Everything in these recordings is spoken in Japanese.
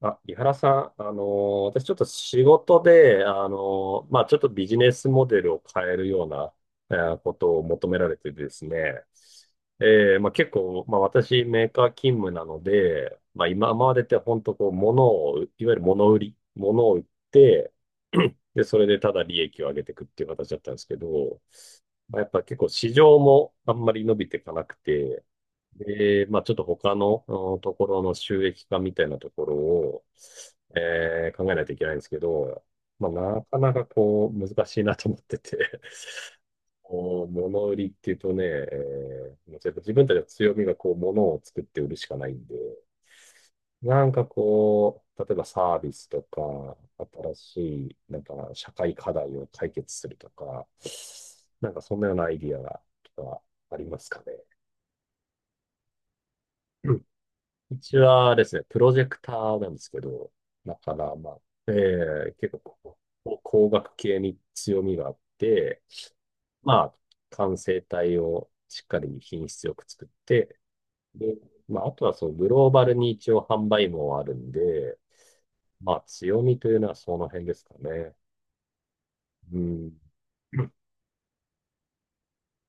あ、井原さん、私ちょっと仕事で、ちょっとビジネスモデルを変えるような、ことを求められてですね、結構、まあ、私メーカー勤務なので、まあ、今までって本当こう、物を、いわゆる物売り、物を売って、で、それでただ利益を上げていくっていう形だったんですけど、まあ、やっぱ結構市場もあんまり伸びていかなくて、で、まあ、ちょっと他のところの収益化みたいなところを、考えないといけないんですけど、まあ、なかなかこう、難しいなと思ってて、こ う物売りっていうとね、もうちょっと自分たちの強みがこう、物を作って売るしかないんで、なんかこう、例えばサービスとか、新しい、なんか社会課題を解決するとか、なんかそんなようなアイディアとかありますかね。うちはですね、プロジェクターなんですけど、だから、まあ、え結構こう、工学系に強みがあって、まあ、完成体をしっかり品質よく作って、で、まあ、あとはそのグローバルに一応販売網はあるんで、まあ、強みというのはその辺ですかね。うん。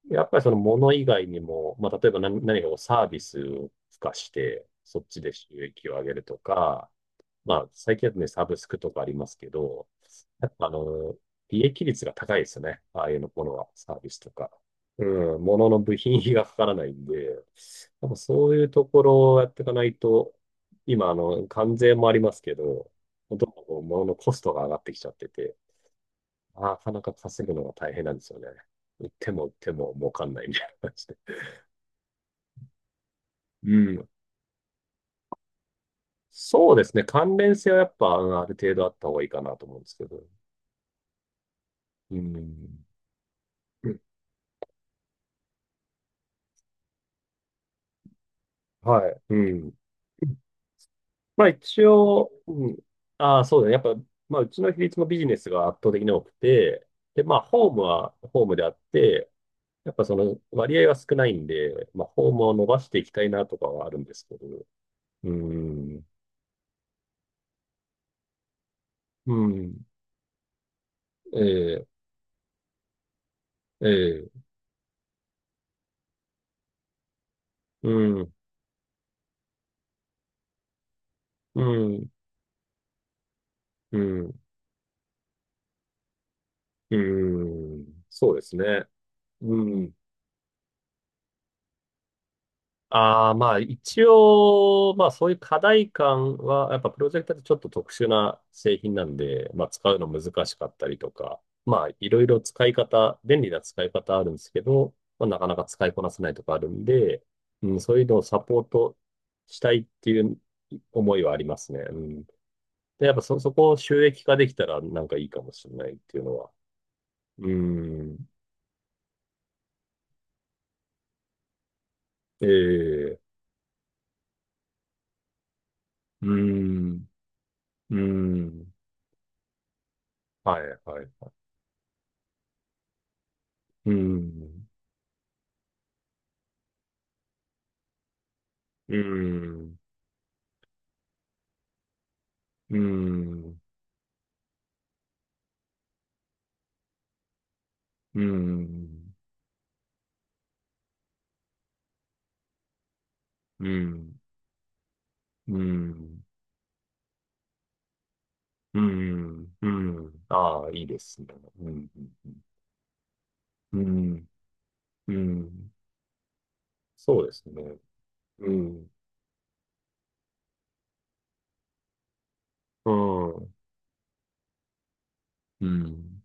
やっぱりその物以外にも、まあ、例えば何かこうサービスを付加して、そっちで収益を上げるとか、まあ、最近だとね、サブスクとかありますけど、やっぱあの、利益率が高いですよね。ああいうのものは、サービスとか。うん、ものの部品費がかからないんで、やっぱそういうところをやっていかないと、今、あの、関税もありますけど、どんどんこう物のコストが上がってきちゃってて、なかなか稼ぐのが大変なんですよね。売っても売っても儲かんないみたいな感じで。うん。そうですね。関連性はやっぱ、うん、ある程度あった方がいいかなと思うんですけど。うん。はい。うん。まあ一応、うん。ああ、そうだね。やっぱ、まあうちの比率もビジネスが圧倒的に多くて、で、まあホームはホームであって、やっぱその割合は少ないんで、まあホームを伸ばしていきたいなとかはあるんですけど、うん。うん。ええ、ええ、うん。うん。うん。うん。そうですね。うん。ああ、まあ一応、まあそういう課題感は、やっぱプロジェクターってちょっと特殊な製品なんで、まあ使うの難しかったりとか、まあいろいろ使い方、便利な使い方あるんですけど、まあなかなか使いこなせないとかあるんで、うん、そういうのをサポートしたいっていう思いはありますね。うん。で、やっぱそこを収益化できたらなんかいいかもしれないっていうのは。うん。ええ、うん。うん。はい、はい、はい。うん。うん、うん、うん、うん、うん、うん。ああ、いいですね。うん、うん、うん。そうですね。うん、うん、うん、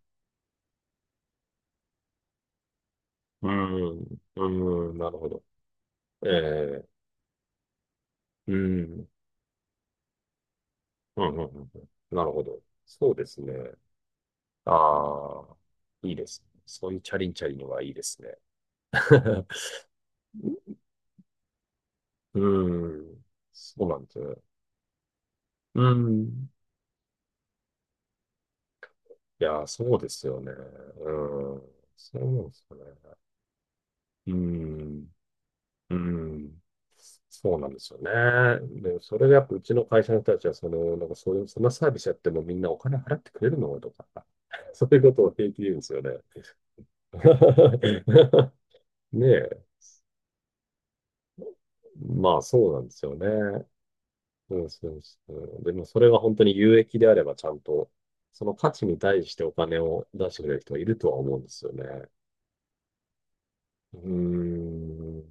うん、うん、なるほど。ええ、うん、うん、うん、うんなるほど。そうですね。ああ、いいですね。そういうチャリンチャリンのはいいですね。うん、そうなんですね。うん。いやー、そうですよね。うん。そうですよね。うん。うん。そうなんですよね。で、それがやっぱうちの会社の人たちは、その、なんかそういう、そんなサービスやってもみんなお金払ってくれるのとか、そういうことを平気で言うんですよね。ねえ。まあそうなんですよね。うん、そうそう。でもそれが本当に有益であればちゃんと、その価値に対してお金を出してくれる人がいるとは思うんですよね。うーん。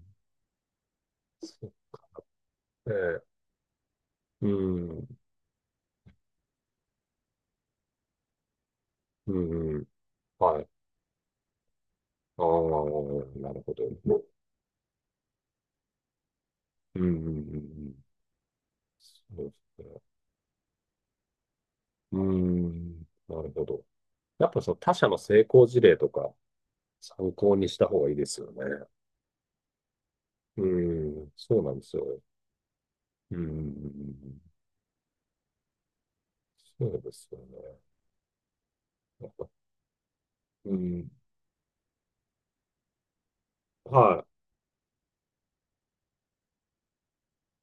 ええ、うん、うん、はい。ああ、なるほど。うん。そうですね。うん、なるほど。やっぱその他社の成功事例とか参考にした方がいいですよね。うん、そうなんですよ。うん、そうですよね。やっぱ、うん、は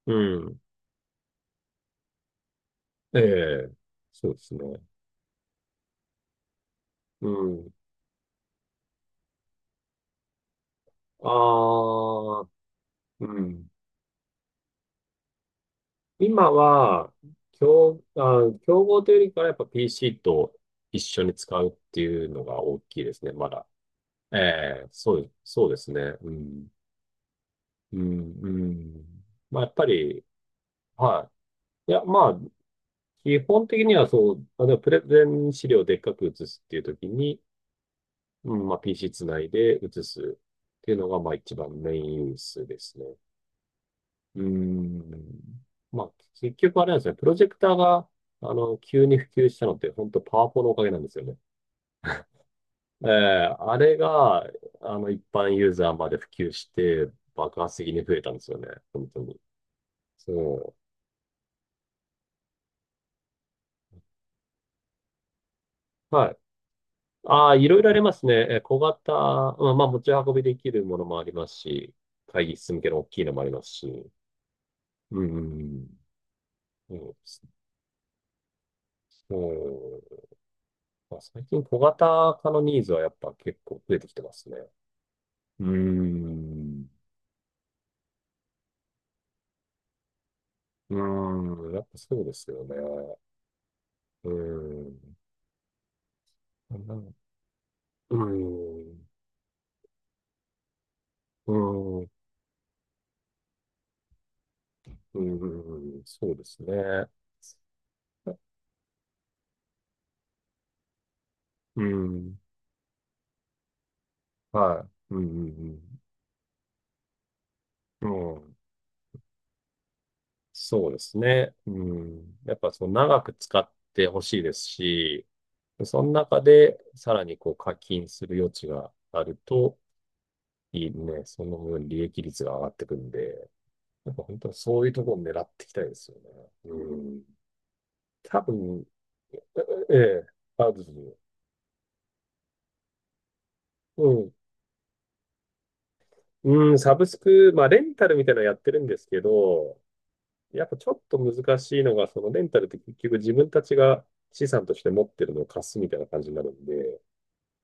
い、うん、ええ、そうですね。うん、ああ、うん。今は、競合というよりかはやっぱ PC と一緒に使うっていうのが大きいですね、まだ。えそうですね。うん。うん、うん。まあ、やっぱり、はい。いや、まあ、基本的にはそう、あの、プレゼン資料をでっかく写すっていう時に、うん、まあ、PC つないで写すっていうのが、まあ、一番メインユースですね。うーん。まあ、結局あれなんですね。プロジェクターが、あの、急に普及したのって、本当パワポのおかげなんですよね。ええ、あれが、あの、一般ユーザーまで普及して、爆発的に増えたんですよね。本当に。そう。はい。ああ、いろいろありますね。小型、まあ、まあ、持ち運びできるものもありますし、会議室向けの大きいのもありますし。うん。そうですね。うん、まあ最近小型化のニーズはやっぱ結構増えてきてますね。うーん。うーん。やっぱそうですよね。うーん。うん、うーん。うーん。うーん。そうですね。うん。はい。うん。うん。うん。そうですね。うん。やっぱその長く使ってほしいですし、その中でさらにこう課金する余地があるといいね。その分利益率が上がってくるんで、やっぱ本当にそういうところを狙っていきたいですよね。うん。多分、ええ、ある、どううん、うん、サブスク、まあ、レンタルみたいなのやってるんですけど、やっぱちょっと難しいのが、そのレンタルって結局自分たちが資産として持ってるのを貸すみたいな感じになるんで、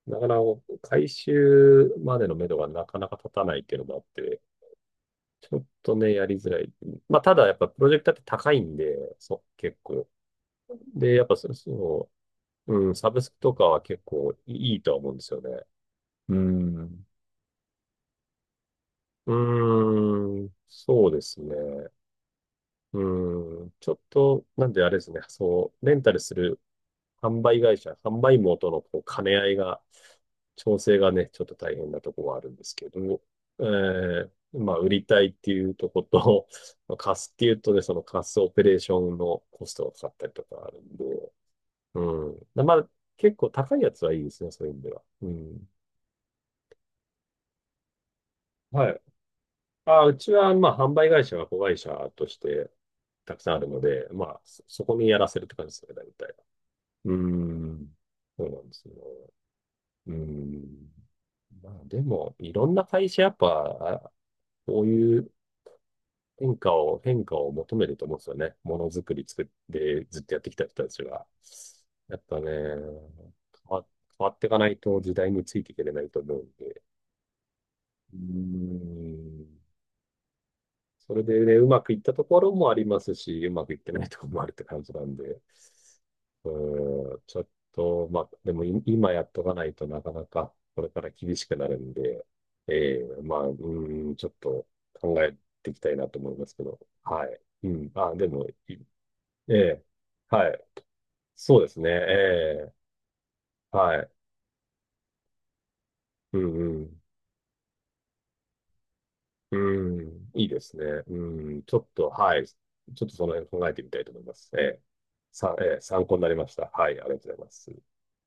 なかなか回収までの目処がなかなか立たないっていうのもあって、ちょっとね、やりづらい。まあ、ただやっぱプロジェクターって高いんで、そう、結構。で、やっぱうん、サブスクとかは結構いいとは思うんですよね。うん。うーん、そうですね。うーん、ちょっと、なんであれですね、そう、レンタルする販売会社、販売網とのこう兼ね合いが、調整がね、ちょっと大変なところはあるんですけど、まあ、売りたいっていうとこと、まあ貸すっていうとね、その貸すオペレーションのコストがかかったりとかあるんで、うん。まあ、結構高いやつはいいですね、そういう意味では。うん。はい、あ、うちは、まあ、販売会社が子会社としてたくさんあるので、まあ、そこにやらせるって感じですね、大体。うーん。そうなんですよ。うーん。まあ、でも、いろんな会社、やっぱ、あこういう変化を求めると思うんですよね。ものづくり作ってずっとやってきた人たちが。やっぱね、わ、変わっていかないと時代についていけれないと思うんで。うーん。それでね、うまくいったところもありますし、うまくいってないところもあるって感じなんで、うーん、ちょっと、まあ、でも今やっとかないとなかなかこれから厳しくなるんで、ええ、まあ、うーん、ちょっと考えていきたいなと思いますけど、はい。うん、あ、でも、いええはい。そうですね、えはい。うん、うん。うん、いいですね。うん、ちょっと、はい。ちょっとその辺考えてみたいと思います。えー参考になりました。はい、ありがとうございます。